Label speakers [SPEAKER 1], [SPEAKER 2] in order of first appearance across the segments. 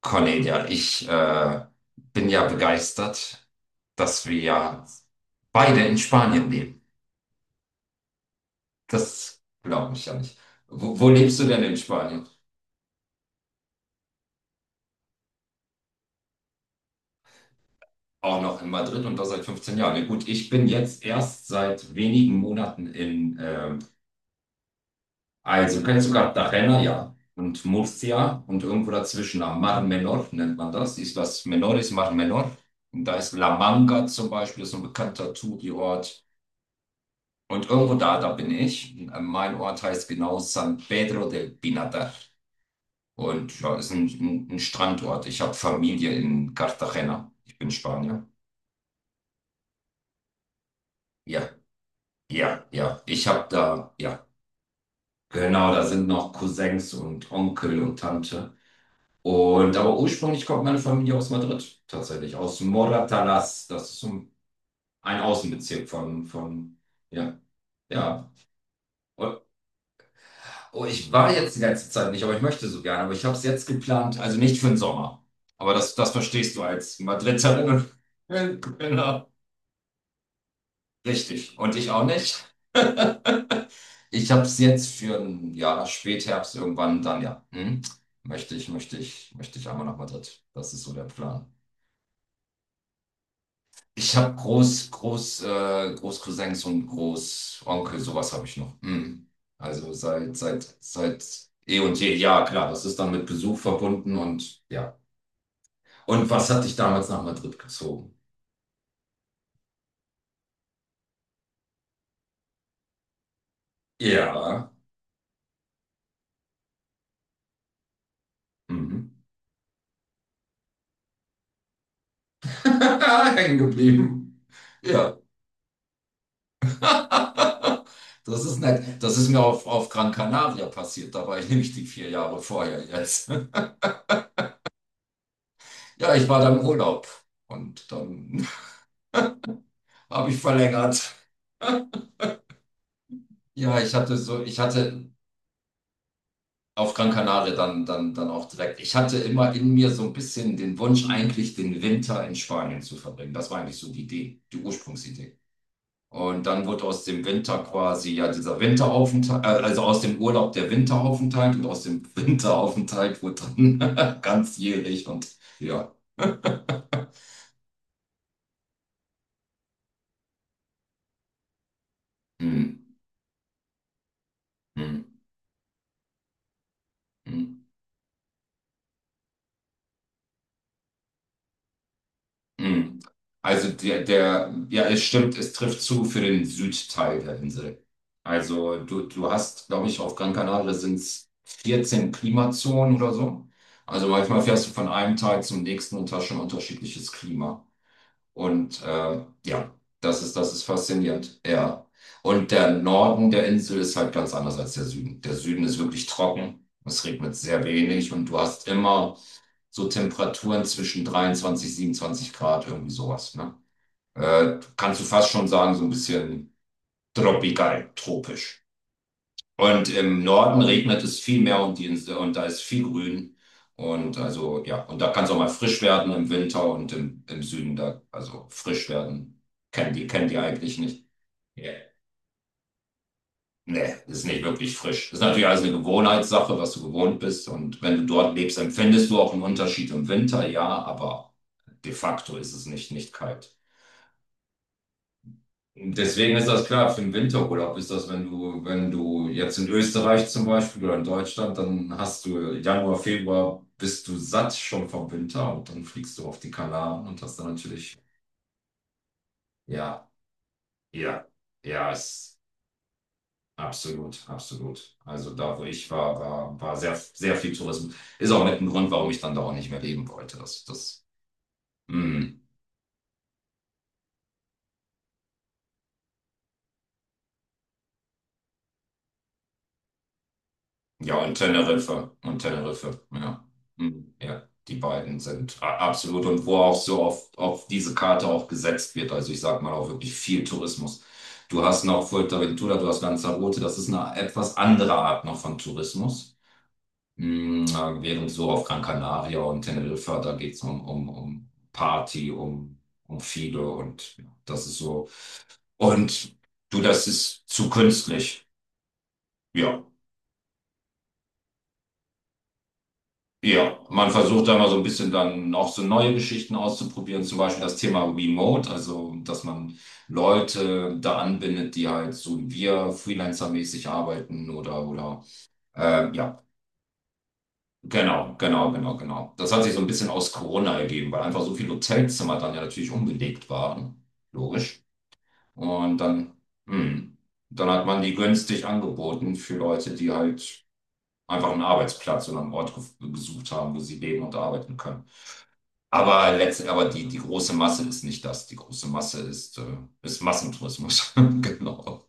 [SPEAKER 1] Cornelia, ich bin ja begeistert, dass wir ja beide in Spanien leben. Das glaube ich ja nicht. Wo lebst du denn in Spanien? Auch noch in Madrid und das seit 15 Jahren. Ja, gut, ich bin jetzt erst seit wenigen Monaten in, also kennst du Cartagena, ja, und Murcia und irgendwo dazwischen, am Mar Menor nennt man das, Islas Menores, Mar Menor. Und da ist La Manga zum Beispiel, ist so ein bekannter Touri-Ort. Und irgendwo da bin ich. Mein Ort heißt genau San Pedro del Pinatar. Und ja, ist ein Strandort. Ich habe Familie in Cartagena. Ich bin Spanier. Ja, ja, ja. Ich habe da, ja, genau, da sind noch Cousins und Onkel und Tante. Und aber ursprünglich kommt meine Familie aus Madrid, tatsächlich, aus Moratalaz. Das ist so ein Außenbezirk ja, ja. Oh, ich war jetzt die letzte Zeit nicht, aber ich möchte so gerne. Aber ich habe es jetzt geplant, also nicht für den Sommer. Aber das verstehst du als Madriderin. Genau. Richtig. Und ich auch nicht. Ich habe es jetzt für ein Jahr Spätherbst irgendwann dann, ja. Hm? Möchte ich einmal nach Madrid. Das ist so der Plan. Ich habe Großcousins und Großonkel, sowas habe ich noch. Hm. Also seit eh und je. Ja, klar, das ist dann mit Besuch verbunden und ja. Und was hat dich damals nach Madrid gezogen? Ja. Mhm. Hängen geblieben. Ja. Das ist nett. Das ist mir auf Gran Canaria passiert. Da war ich nämlich die vier Jahre vorher jetzt. Ja, ich war da im Urlaub. Und dann habe ich verlängert. Ja, ich hatte so, ich hatte auf Gran Canaria dann auch direkt. Ich hatte immer in mir so ein bisschen den Wunsch, eigentlich den Winter in Spanien zu verbringen. Das war eigentlich so die Idee, die Ursprungsidee. Und dann wird aus dem Winter quasi ja dieser also aus dem Urlaub der Winteraufenthalt und aus dem Winteraufenthalt wird dann ganzjährig und ja. Hm, hm, hm, hm. Also ja, es stimmt, es trifft zu für den Südteil der Insel. Also du hast, glaube ich, auf Gran Canaria sind es 14 Klimazonen oder so. Also manchmal fährst du von einem Teil zum nächsten und hast schon unterschiedliches Klima. Und ja, das ist faszinierend. Ja. Und der Norden der Insel ist halt ganz anders als der Süden. Der Süden ist wirklich trocken. Es regnet sehr wenig und du hast immer so Temperaturen zwischen 23, 27 Grad, irgendwie sowas. Ne? Kannst du fast schon sagen, so ein bisschen tropisch. Und im Norden regnet es viel mehr und, die Insel, und da ist viel Grün. Und also, ja, und da kann es auch mal frisch werden im Winter und im Süden da, also frisch werden. Kennen die eigentlich nicht. Ja. Nee, ist nicht wirklich frisch. Ist natürlich alles eine Gewohnheitssache, was du gewohnt bist. Und wenn du dort lebst, empfindest du auch einen Unterschied im Winter, ja, aber de facto ist es nicht kalt. Und deswegen ist das klar, für den Winterurlaub ist das, wenn du, wenn du jetzt in Österreich zum Beispiel oder in Deutschland, dann hast du Januar, Februar, bist du satt schon vom Winter und dann fliegst du auf die Kanaren und hast dann natürlich, ja, ja, ja, ist absolut, absolut. Also da, wo ich war sehr, sehr viel Tourismus. Ist auch mit ein Grund, warum ich dann da auch nicht mehr leben wollte. Mm. Ja, und Teneriffa. Und Teneriffa, ja. Ja, die beiden sind absolut. Und wo auch so auf diese Karte auch gesetzt wird. Also ich sag mal auch wirklich viel Tourismus. Du hast noch Fuerteventura, du hast Lanzarote. Das ist eine etwas andere Art noch von Tourismus. Während so auf Gran Canaria und Teneriffa, da geht's um Party, um, um viele und ja, das ist so. Und du, das ist zu künstlich. Ja. Ja, man versucht da mal so ein bisschen dann auch so neue Geschichten auszuprobieren, zum Beispiel das Thema Remote, also dass man Leute da anbindet, die halt so wie wir Freelancer-mäßig arbeiten oder ja, genau. Das hat sich so ein bisschen aus Corona ergeben, weil einfach so viele Hotelzimmer dann ja natürlich unbelegt waren, logisch. Und dann, hm, dann hat man die günstig angeboten für Leute, die halt einfach einen Arbeitsplatz oder einen Ort gesucht haben, wo sie leben und arbeiten können. Aber letztlich, aber die große Masse ist nicht das. Die große Masse ist Massentourismus. Genau.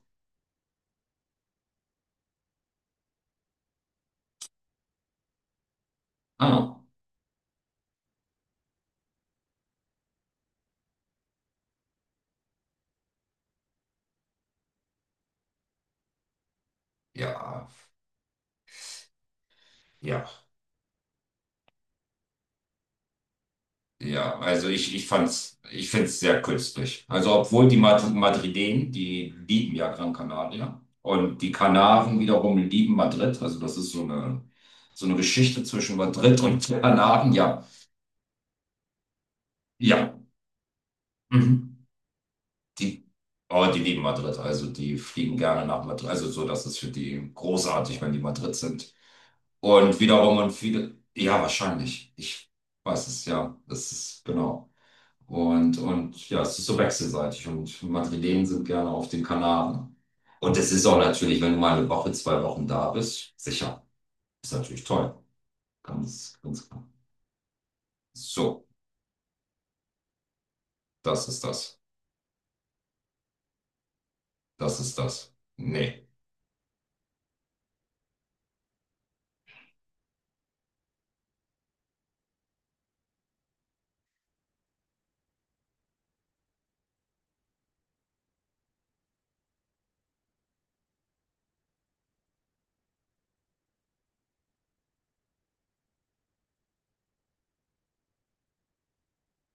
[SPEAKER 1] Ah, ja, ja, ja. Also ich fand's, ich find's sehr künstlich. Also obwohl die Madrilen, die lieben ja Gran Canaria. Und die Kanaren wiederum lieben Madrid. Also das ist so eine Geschichte zwischen Madrid und Kanaren. Ja, ja. Mhm. Die, oh, die lieben Madrid, also die fliegen gerne nach Madrid, also so, das ist für die großartig, wenn die Madrid sind. Und wiederum und viele, ja, wahrscheinlich. Ich weiß es, ja, das ist genau. Und ja, es ist so wechselseitig und Madrilen sind gerne auf den Kanaren. Und es ist auch natürlich, wenn du mal eine Woche, zwei Wochen da bist, sicher. Ist natürlich toll. Ganz, ganz klar. So, das ist das. Das ist das. Nee.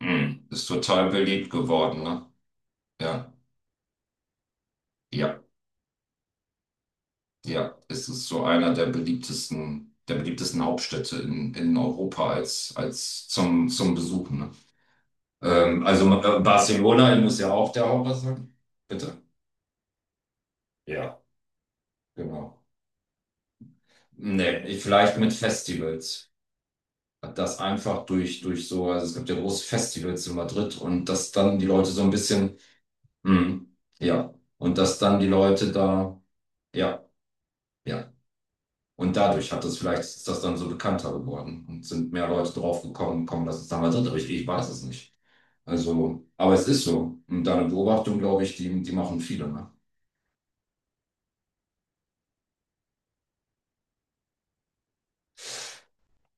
[SPEAKER 1] Mm. Ist total beliebt geworden, ne? Ja. Ja, ja, es ist so einer der beliebtesten Hauptstädte in Europa als zum, zum Besuchen. Ne? Barcelona muss ja auch der Hauptstadt sein. Bitte? Ja, genau. Nee, ich, vielleicht mit Festivals. Das einfach durch so, also es gibt ja große Festivals in Madrid und dass dann die Leute so ein bisschen, ja, und dass dann die Leute da, ja. Ja. Und dadurch hat das vielleicht ist das dann so bekannter geworden und sind mehr Leute drauf dass es damals hat, aber ich weiß es nicht. Also, aber es ist so. Und deine Beobachtung, glaube ich, die machen viele, ne?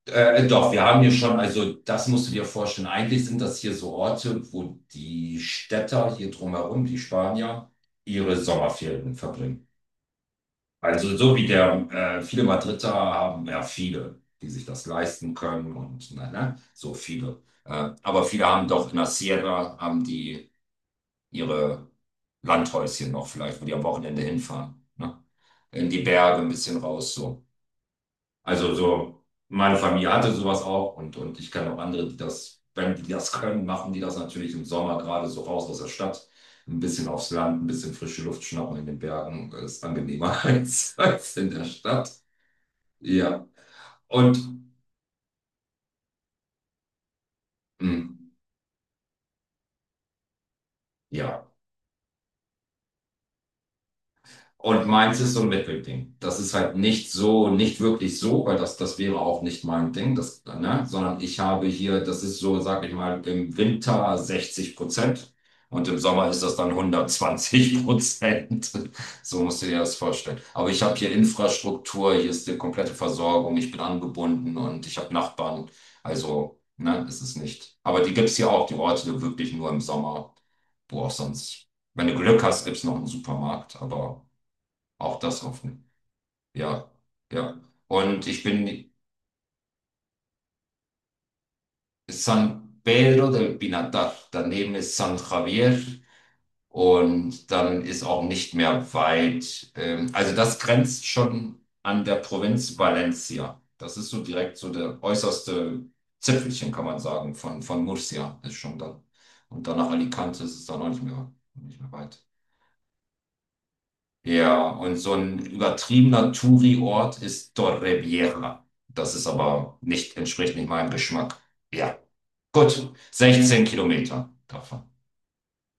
[SPEAKER 1] Doch, wir haben hier schon, also das musst du dir vorstellen. Eigentlich sind das hier so Orte, wo die Städter hier drumherum, die Spanier, ihre Sommerferien verbringen. Also so wie viele Madrider haben ja viele, die sich das leisten können und ne, ne, so viele. Aber viele haben doch in der Sierra, haben die ihre Landhäuschen noch vielleicht, wo die am Wochenende hinfahren. Ne? In die Berge ein bisschen raus so. Also so, meine Familie hatte sowas auch und ich kenne auch andere, die das, wenn die das können, machen die das natürlich im Sommer gerade so raus aus der Stadt. Ein bisschen aufs Land, ein bisschen frische Luft schnappen in den Bergen ist angenehmer als, als in der Stadt. Ja. Und mh, ja. Und meins ist so ein Mittelding. Das ist halt nicht so, nicht wirklich so, weil das, das wäre auch nicht mein Ding, das, ne? Sondern ich habe hier, das ist so, sag ich mal, im Winter 60% und im Sommer ist das dann 120%. So musst du dir das vorstellen. Aber ich habe hier Infrastruktur, hier ist die komplette Versorgung, ich bin angebunden und ich habe Nachbarn. Also, ne, ist es nicht. Aber die gibt es hier auch, die Orte wirklich nur im Sommer. Wo auch sonst, wenn du Glück hast, gibt es noch einen Supermarkt, aber. Auch das hoffen. Ja, ja. Und ich bin San Pedro del Pinatar. Daneben ist San Javier. Und dann ist auch nicht mehr weit. Also das grenzt schon an der Provinz Valencia. Das ist so direkt so der äußerste Zipfelchen, kann man sagen, von Murcia ist schon da. Und dann nach Alicante ist es dann auch nicht mehr, nicht mehr weit. Ja, und so ein übertriebener Touri-Ort ist Torrevieja. Das ist aber nicht, entspricht nicht meinem Geschmack. Ja, gut, 16 Kilometer davon.